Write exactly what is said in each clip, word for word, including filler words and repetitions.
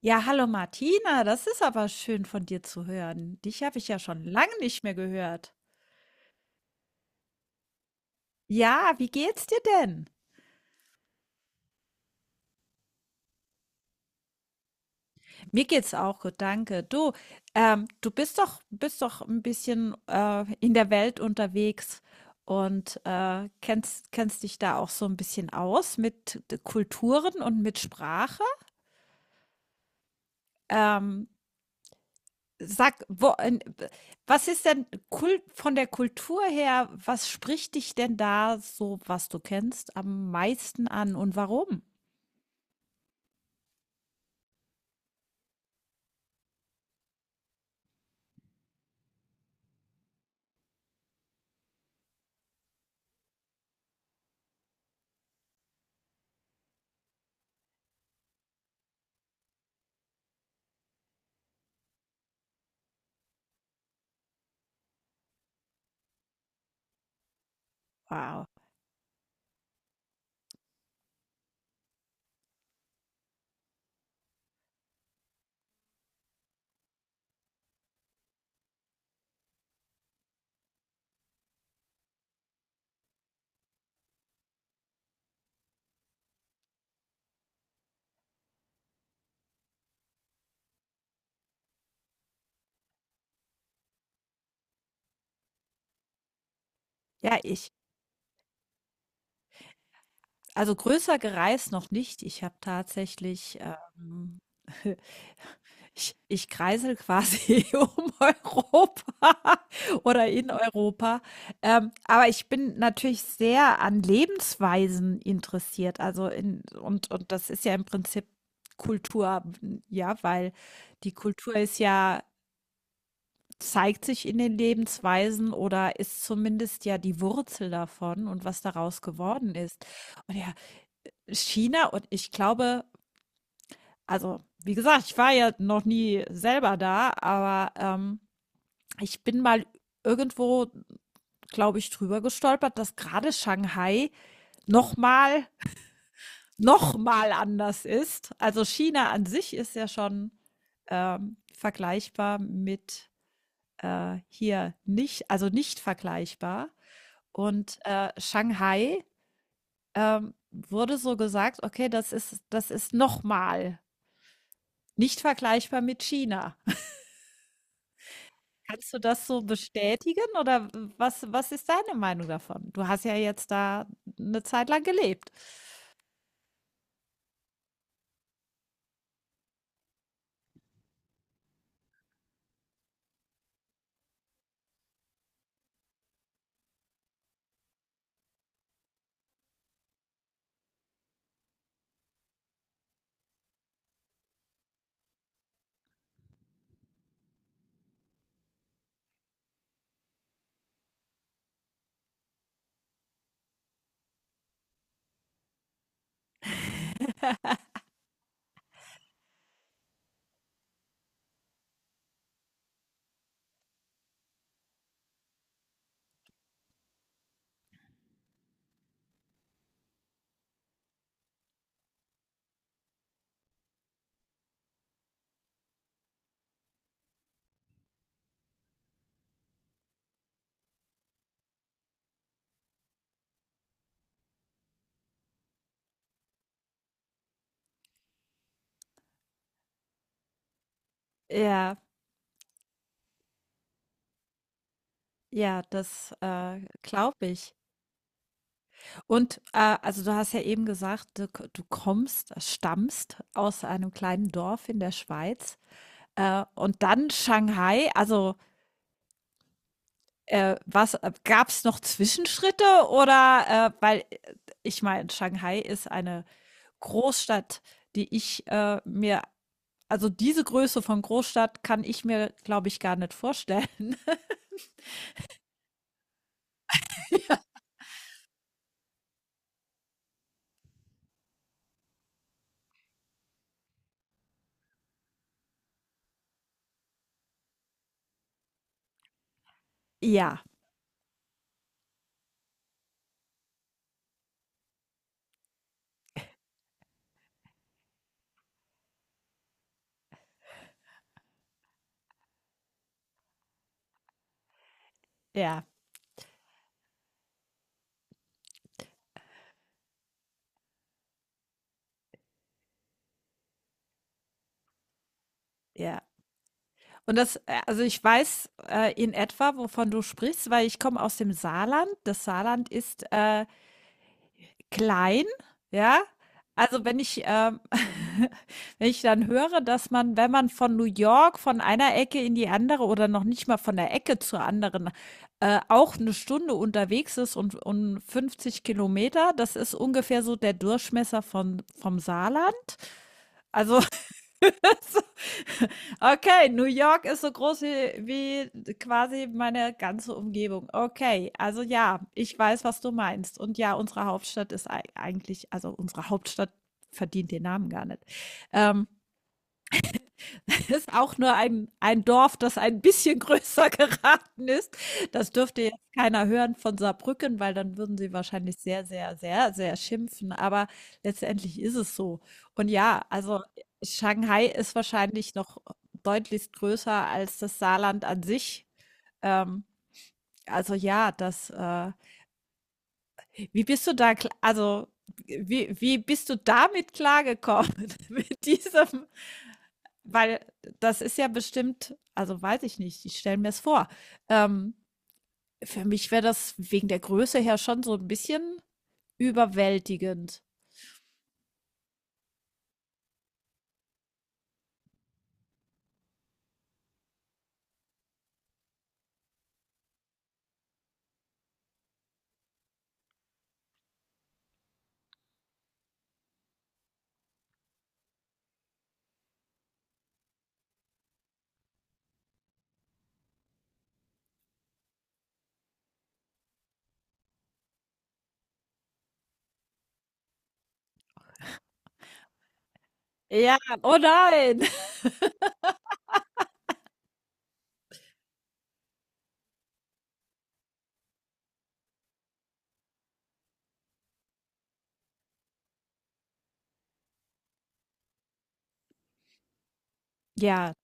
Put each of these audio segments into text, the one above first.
Ja, hallo Martina, das ist aber schön von dir zu hören. Dich habe ich ja schon lange nicht mehr gehört. Ja, wie geht's dir denn? Mir geht's auch gut, danke. Du, ähm, du bist doch, bist doch ein bisschen äh, in der Welt unterwegs und äh, kennst, kennst dich da auch so ein bisschen aus mit Kulturen und mit Sprache. Ähm, Sag, wo, en was ist denn Kul von der Kultur her, was spricht dich denn da so, was du kennst, am meisten an und warum? Wow. Ja, ich also größer gereist noch nicht. Ich habe tatsächlich, ähm Ich, ich kreisel quasi um Europa oder in Europa. Ähm, aber ich bin natürlich sehr an Lebensweisen interessiert. Also in, und, und das ist ja im Prinzip Kultur, ja, weil die Kultur ist ja, zeigt sich in den Lebensweisen oder ist zumindest ja die Wurzel davon und was daraus geworden ist. Und ja, China und ich glaube, also wie gesagt, ich war ja noch nie selber da, aber ähm, ich bin mal irgendwo, glaube ich, drüber gestolpert, dass gerade Shanghai noch mal, noch mal anders ist. Also China an sich ist ja schon ähm, vergleichbar mit äh, hier nicht, also nicht vergleichbar. Und äh, Shanghai ähm, wurde so gesagt, okay, das ist, das ist noch mal nicht vergleichbar mit China. Kannst du das so bestätigen oder was was ist deine Meinung davon? Du hast ja jetzt da eine Zeit lang gelebt. Ja, ja, das, äh, glaube ich. Und, äh, also, du hast ja eben gesagt, du k du kommst stammst aus einem kleinen Dorf in der Schweiz, äh, und dann Shanghai. Also, äh, was äh, gab es noch Zwischenschritte oder, äh weil, äh, ich meine, Shanghai ist eine Großstadt, die ich, äh, mir also, diese Größe von Großstadt kann ich mir, glaube ich, gar nicht vorstellen. Ja. Ja, ja, ja. Und das äh, also, ich weiß, äh, in etwa, wovon du sprichst, weil ich komme aus dem Saarland. Das Saarland ist, äh klein, ja? Also, wenn ich, ähm wenn ich dann höre, dass man, wenn man von New York von einer Ecke in die andere oder noch nicht mal von der Ecke zur anderen, äh, auch eine Stunde unterwegs ist und und fünfzig Kilometer, das ist ungefähr so der Durchmesser von vom Saarland. Also, okay, New York ist so groß wie, wie quasi meine ganze Umgebung. Okay, also ja, ich weiß, was du meinst. Und ja, unsere Hauptstadt ist ei- eigentlich, also unsere Hauptstadt verdient den Namen gar nicht. Ähm, ist auch nur ein, ein Dorf, das ein bisschen größer geraten ist. Das dürfte jetzt keiner hören von Saarbrücken, weil dann würden sie wahrscheinlich sehr, sehr, sehr, sehr schimpfen. Aber letztendlich ist es so. Und ja, also Shanghai ist wahrscheinlich noch deutlich größer als das Saarland an sich. Ähm, also ja, das, äh, wie bist du da, kl- also wie, wie bist du damit klargekommen mit diesem? Weil das ist ja bestimmt, also weiß ich nicht, ich stelle mir es vor. Ähm, für mich wäre das wegen der Größe her schon so ein bisschen überwältigend. Ja, oh nein. Ja,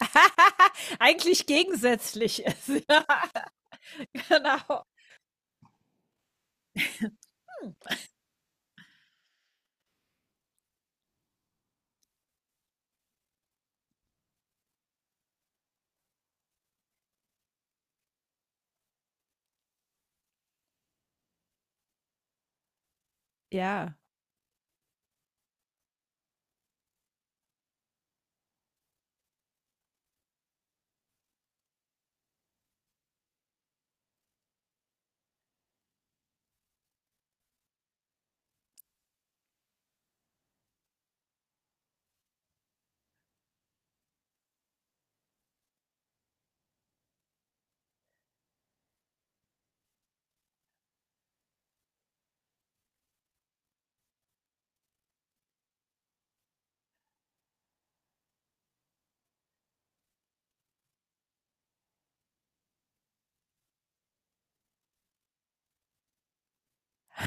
eigentlich gegensätzlich ist. Ja, genau. Ja,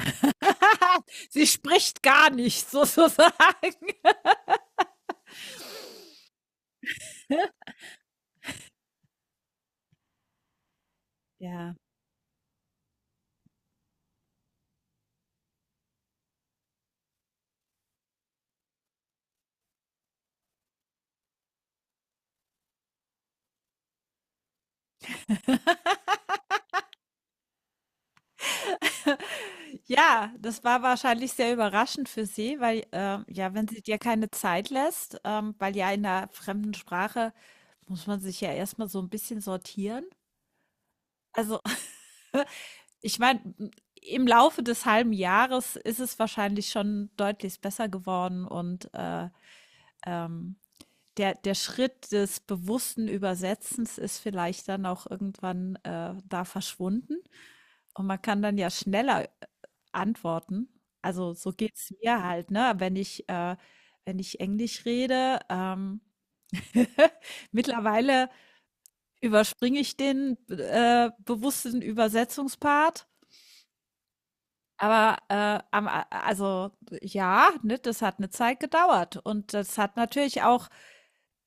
sie spricht gar nicht, sozusagen. Ja. Ja, das war wahrscheinlich sehr überraschend für sie, weil, ähm, ja, wenn sie dir keine Zeit lässt, ähm, weil ja in 'ner fremden Sprache muss man sich ja erst mal so ein bisschen sortieren. Also, ich meine, im Laufe des halben Jahres ist es wahrscheinlich schon deutlich besser geworden und, äh, ähm, der der Schritt des bewussten Übersetzens ist vielleicht dann auch irgendwann, äh, da verschwunden. Und man kann dann ja schneller äh, antworten. Also, so geht's mir halt, ne? Wenn ich, äh, wenn ich Englisch rede, ähm, mittlerweile überspringe ich den äh, bewussten Übersetzungspart. Aber äh, am, A- also ja, ne, das hat eine Zeit gedauert. Und das hat natürlich auch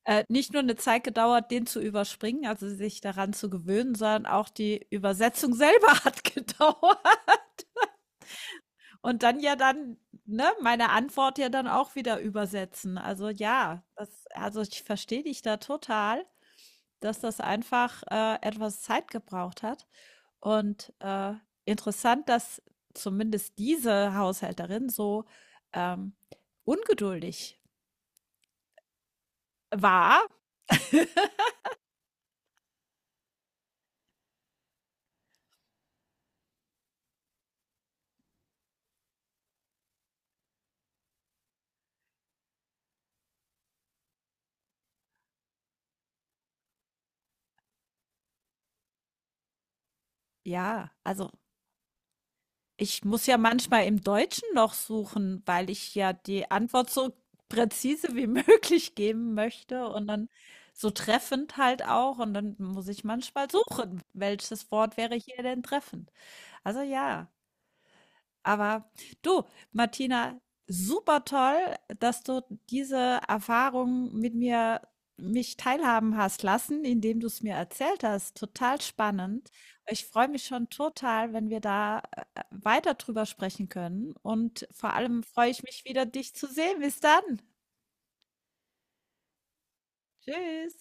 äh, nicht nur eine Zeit gedauert, den zu überspringen, also sich daran zu gewöhnen, sondern auch die Übersetzung selber hat gedauert. Und dann ja dann, ne, meine Antwort ja dann auch wieder übersetzen. Also ja, das also ich verstehe dich da total, dass das einfach, äh, etwas Zeit gebraucht hat. Und, äh, interessant, dass zumindest diese Haushälterin so, ähm, ungeduldig war. Ja, also ich muss ja manchmal im Deutschen noch suchen, weil ich ja die Antwort so präzise wie möglich geben möchte und dann so treffend halt auch. Und dann muss ich manchmal suchen, welches Wort wäre hier denn treffend. Also ja. Aber du, Martina, super toll, dass du diese Erfahrung mit mir mich teilhaben hast lassen, indem du es mir erzählt hast. Total spannend. Ich freue mich schon total, wenn wir da äh, weiter drüber sprechen können. Und vor allem freue ich mich wieder, dich zu sehen. Bis dann. Tschüss.